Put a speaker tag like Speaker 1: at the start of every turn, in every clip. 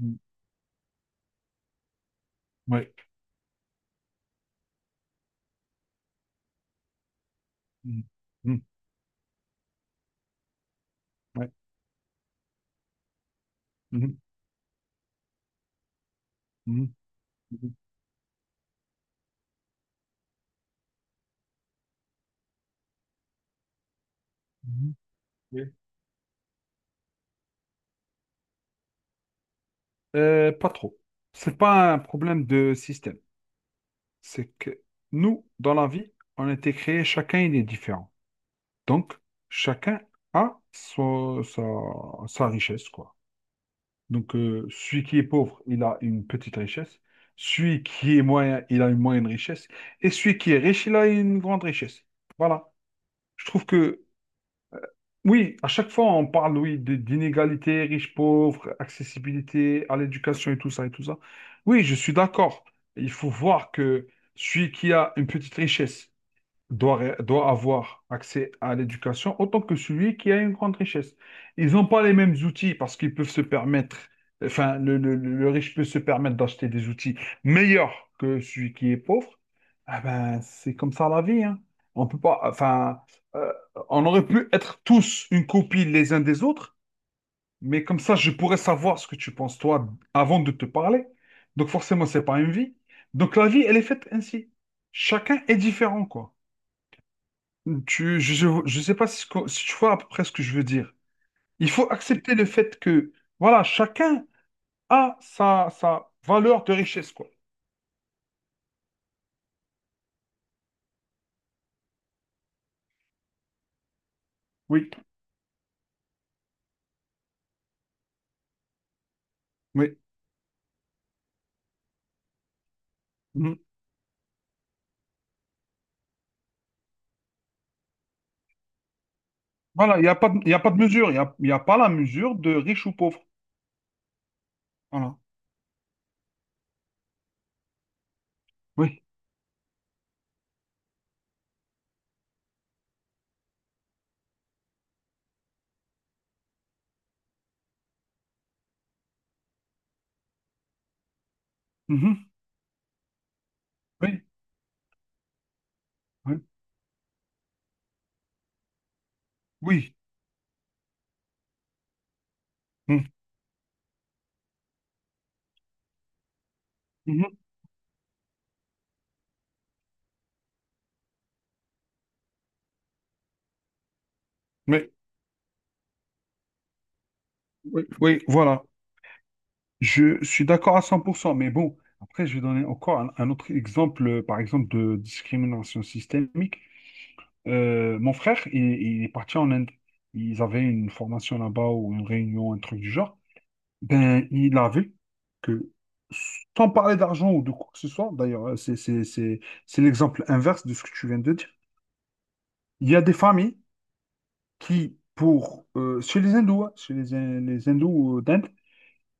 Speaker 1: Mm. Ouais. Mm. Mm. Ouais. Mhm. Mhm. Mhm. Mhm. Yeah. Pas trop. C'est pas un problème de système. C'est que nous, dans la vie, on a été créés, chacun il est différent. Donc, chacun a sa richesse, quoi. Donc, celui qui est pauvre, il a une petite richesse. Celui qui est moyen, il a une moyenne richesse. Et celui qui est riche, il a une grande richesse. Voilà. Je trouve que Oui, à chaque fois, on parle, oui, d'inégalité, riches-pauvres, accessibilité à l'éducation et tout ça et tout ça. Oui, je suis d'accord. Il faut voir que celui qui a une petite richesse, doit avoir accès à l'éducation autant que celui qui a une grande richesse. Ils n'ont pas les mêmes outils parce qu'ils peuvent se permettre, enfin, le riche peut se permettre d'acheter des outils meilleurs que celui qui est pauvre. Ah ben, c'est comme ça la vie, hein. On peut pas, enfin, euh, on aurait pu être tous une copie les uns des autres, mais comme ça, je pourrais savoir ce que tu penses, toi, avant de te parler. Donc forcément, c'est pas une vie. Donc la vie, elle est faite ainsi. Chacun est différent, quoi. Je ne sais pas si, ce que- si tu vois à peu près ce que je veux dire. Il faut accepter le fait que, voilà, chacun a sa valeur de richesse, quoi. Oui, oui. Mm. Voilà, il n'y a pas de, il y a pas de mesure. Il n'y a, il y a pas la mesure de riche ou pauvre. Voilà. Oui. Mhm. Oui. Oui. Oui. Mm. Mhm. Oui. Oui. Oui. Voilà. Je suis d'accord à 100%. Mais bon, après, je vais donner encore un autre exemple, par exemple, de discrimination systémique. Mon frère, il est parti en Inde. Ils avaient une formation là-bas ou une réunion, un truc du genre. Ben, il a vu que, sans parler d'argent ou de quoi que ce soit, d'ailleurs, c'est l'exemple inverse de ce que tu viens de dire. Il y a des familles chez les hindous, hein, chez les hindous d'Inde,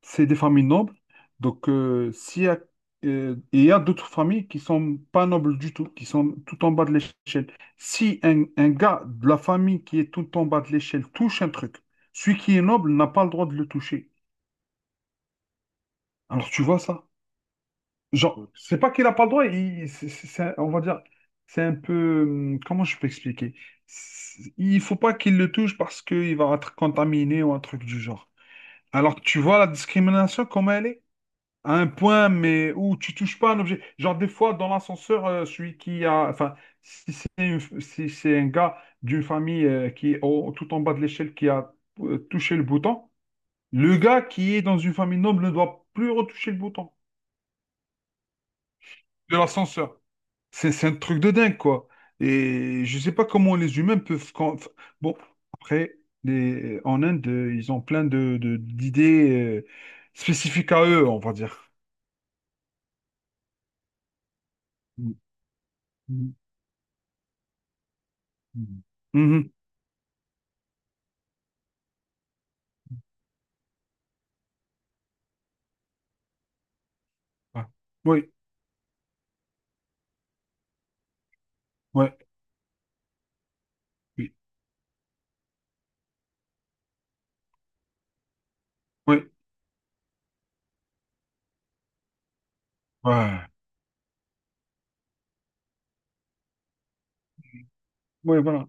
Speaker 1: c'est des familles nobles. Donc, il y a d'autres familles qui sont pas nobles du tout, qui sont tout en bas de l'échelle. Si un gars de la famille qui est tout en bas de l'échelle touche un truc, celui qui est noble n'a pas le droit de le toucher. Alors, tu vois ça? Genre, c'est pas qu'il n'a pas le droit, on va dire, c'est un peu. Comment je peux expliquer? Il faut pas qu'il le touche parce qu'il va être contaminé ou un truc du genre. Alors, tu vois la discrimination, comment elle est? À un point, mais où tu touches pas un objet. Genre, des fois, dans l'ascenseur, celui qui a. Enfin, si c'est un gars d'une famille, qui est tout en bas de l'échelle qui a touché le bouton, le gars qui est dans une famille noble ne doit plus retoucher le bouton de l'ascenseur. C'est un truc de dingue, quoi. Et je sais pas comment les humains peuvent. Bon, après, en Inde, ils ont plein d'idées, spécifiques à eux, on va dire. Mm, mm, mm. Mhm. Ouais. Oui, ouais, oui, oui, ouais. Oui, voilà.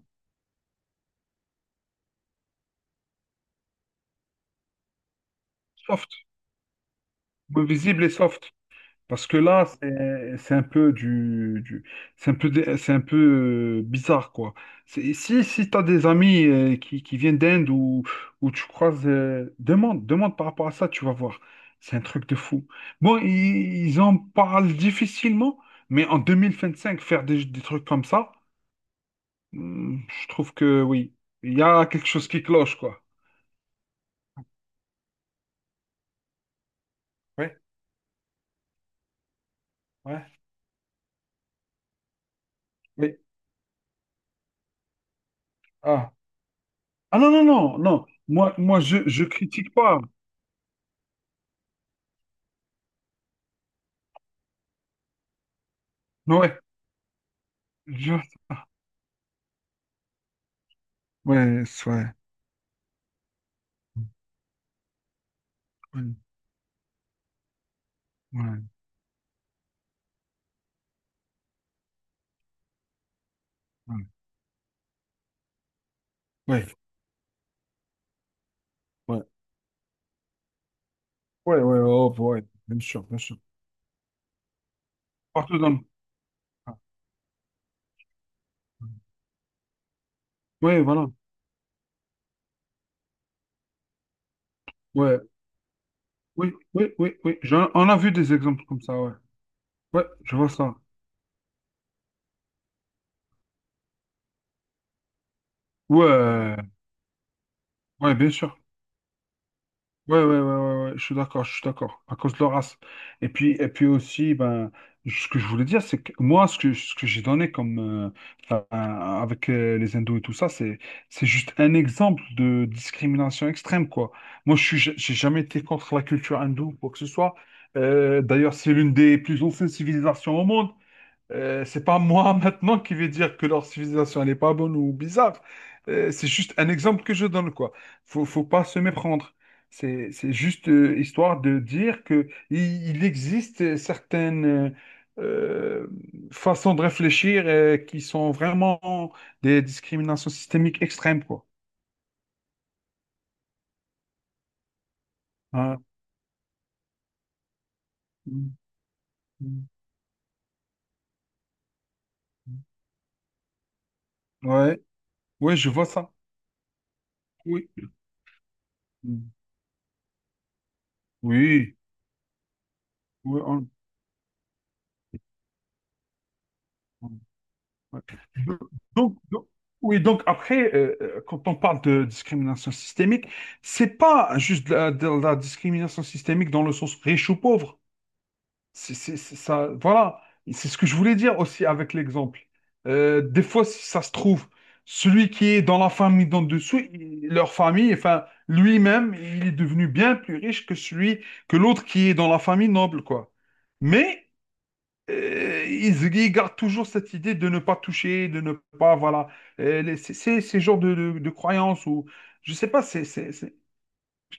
Speaker 1: Soft. Oui, visible et soft. Parce que là, c'est un peu c'est un peu bizarre, quoi. Si tu as des amis, qui viennent d'Inde ou, tu croises, demande par rapport à ça, tu vas voir. C'est un truc de fou. Bon, ils en parlent difficilement, mais en 2025, faire des trucs comme ça, je trouve que oui, il y a quelque chose qui cloche, quoi. Oui, ouais. Mais, ah. Ah non, non, non, non. Moi, je critique pas. Mais ouais, je... ouais, ouais, ouais, ouais, ouais, ouais, ouais, ouais, ouais, oh, ouais, bien sûr, bien sûr. Partout dans le... ah, ouais, ouais, voilà. Ouais, oui, oui, oui, oui. On a vu des exemples comme ça, ouais. Ouais, je vois ça. Ouais, ouais, bien sûr. Ouais, ouais, ouais, ouais, ouais, je suis d'accord, à cause de leur race. Et puis aussi, ben, ce que je voulais dire, c'est que moi, ce que j'ai donné comme, enfin, avec les hindous et tout ça, c'est juste un exemple de discrimination extrême, quoi. Moi, j'ai jamais été contre la culture hindoue, quoi que ce soit. D'ailleurs, c'est l'une des plus anciennes civilisations au monde. C'est pas moi maintenant qui vais dire que leur civilisation elle est pas bonne ou bizarre. C'est juste un exemple que je donne quoi. Faut pas se méprendre. C'est juste, histoire de dire que il existe certaines euh, façons de réfléchir, qui sont vraiment des discriminations systémiques extrêmes quoi. Hein. Mm, mm, mm. Ouais, ouais, je vois ça. Oui. Mm. Oui, oui. on- Ouais. Do- Donc, donc- oui, donc après, quand on parle de discrimination systémique, c'est pas juste de la discrimination systémique dans le sens riche ou pauvre. C'est ça, voilà. C'est ce que je voulais dire aussi avec l'exemple. Des fois, si ça se trouve, celui qui est dans la famille d'en dessous, leur famille, enfin, lui-même, il est devenu bien plus riche que que l'autre qui est dans la famille noble, quoi. Mais ils gardent toujours cette idée de ne pas toucher, de ne pas, voilà. C'est ces genres de croyances ou je sais pas,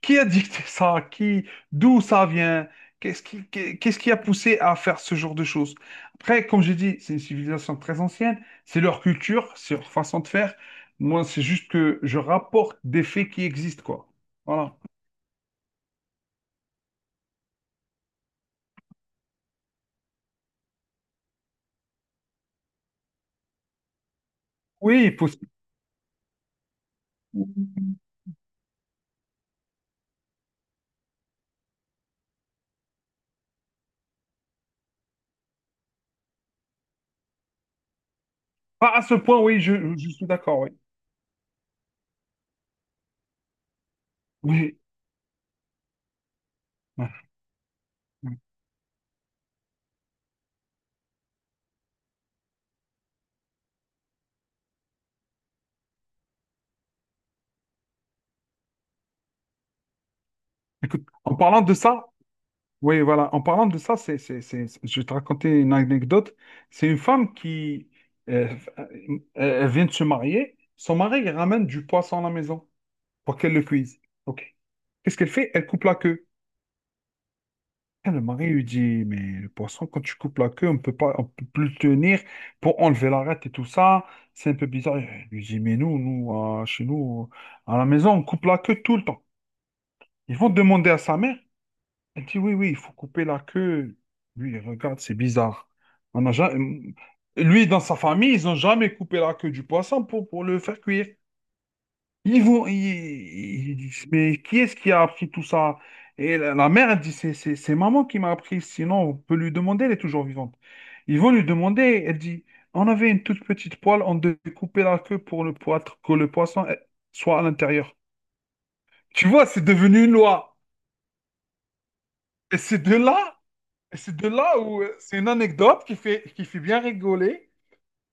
Speaker 1: qui a dicté ça, d'où ça vient, qu'est-ce qui a poussé à faire ce genre de choses. Après, comme j'ai dit, c'est une civilisation très ancienne, c'est leur culture, c'est leur façon de faire. Moi, c'est juste que je rapporte des faits qui existent, quoi. Voilà. Oui, possible. Pas à ce point, oui, je suis d'accord, oui. Oui. Ouais. Ouais. Écoute, en parlant de ça, oui, voilà. En parlant de ça, je vais te raconter une anecdote. C'est une femme qui euh, elle vient de se marier. Son mari il ramène du poisson à la maison pour qu'elle le cuise. OK. Qu'est-ce qu'elle fait? Elle coupe la queue. Et le mari lui dit, mais le poisson, quand tu coupes la queue, on peut pas, on peut plus le tenir pour enlever l'arête et tout ça. C'est un peu bizarre. Elle lui dit, mais nous, nous, chez nous, à la maison, on coupe la queue tout le temps. Ils vont demander à sa mère. Elle dit, oui, oui, il faut couper la queue. Lui, il regarde, c'est bizarre. On n'a jamais... Lui, dans sa famille, ils n'ont jamais coupé la queue du poisson pour le faire cuire. Ils vont, ils- ils disent, mais qui est-ce qui a appris tout ça? Et la mère, elle dit, c'est maman qui m'a appris, sinon on peut lui demander, elle est toujours vivante. Ils vont lui demander, elle dit, on avait une toute petite poêle, on devait couper la queue pour que le poisson soit à l'intérieur. Tu vois, c'est devenu une loi. Et c'est de là Et c'est de là où c'est une anecdote qui fait bien rigoler,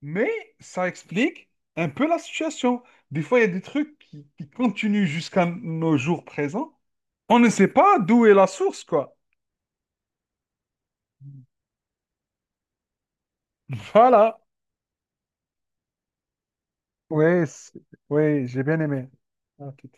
Speaker 1: mais ça explique un peu la situation. Des fois, il y a des trucs qui continuent jusqu'à nos jours présents. On ne sait pas d'où est la source, quoi. Voilà. Oui, oui, j'ai bien aimé. Ah, tout.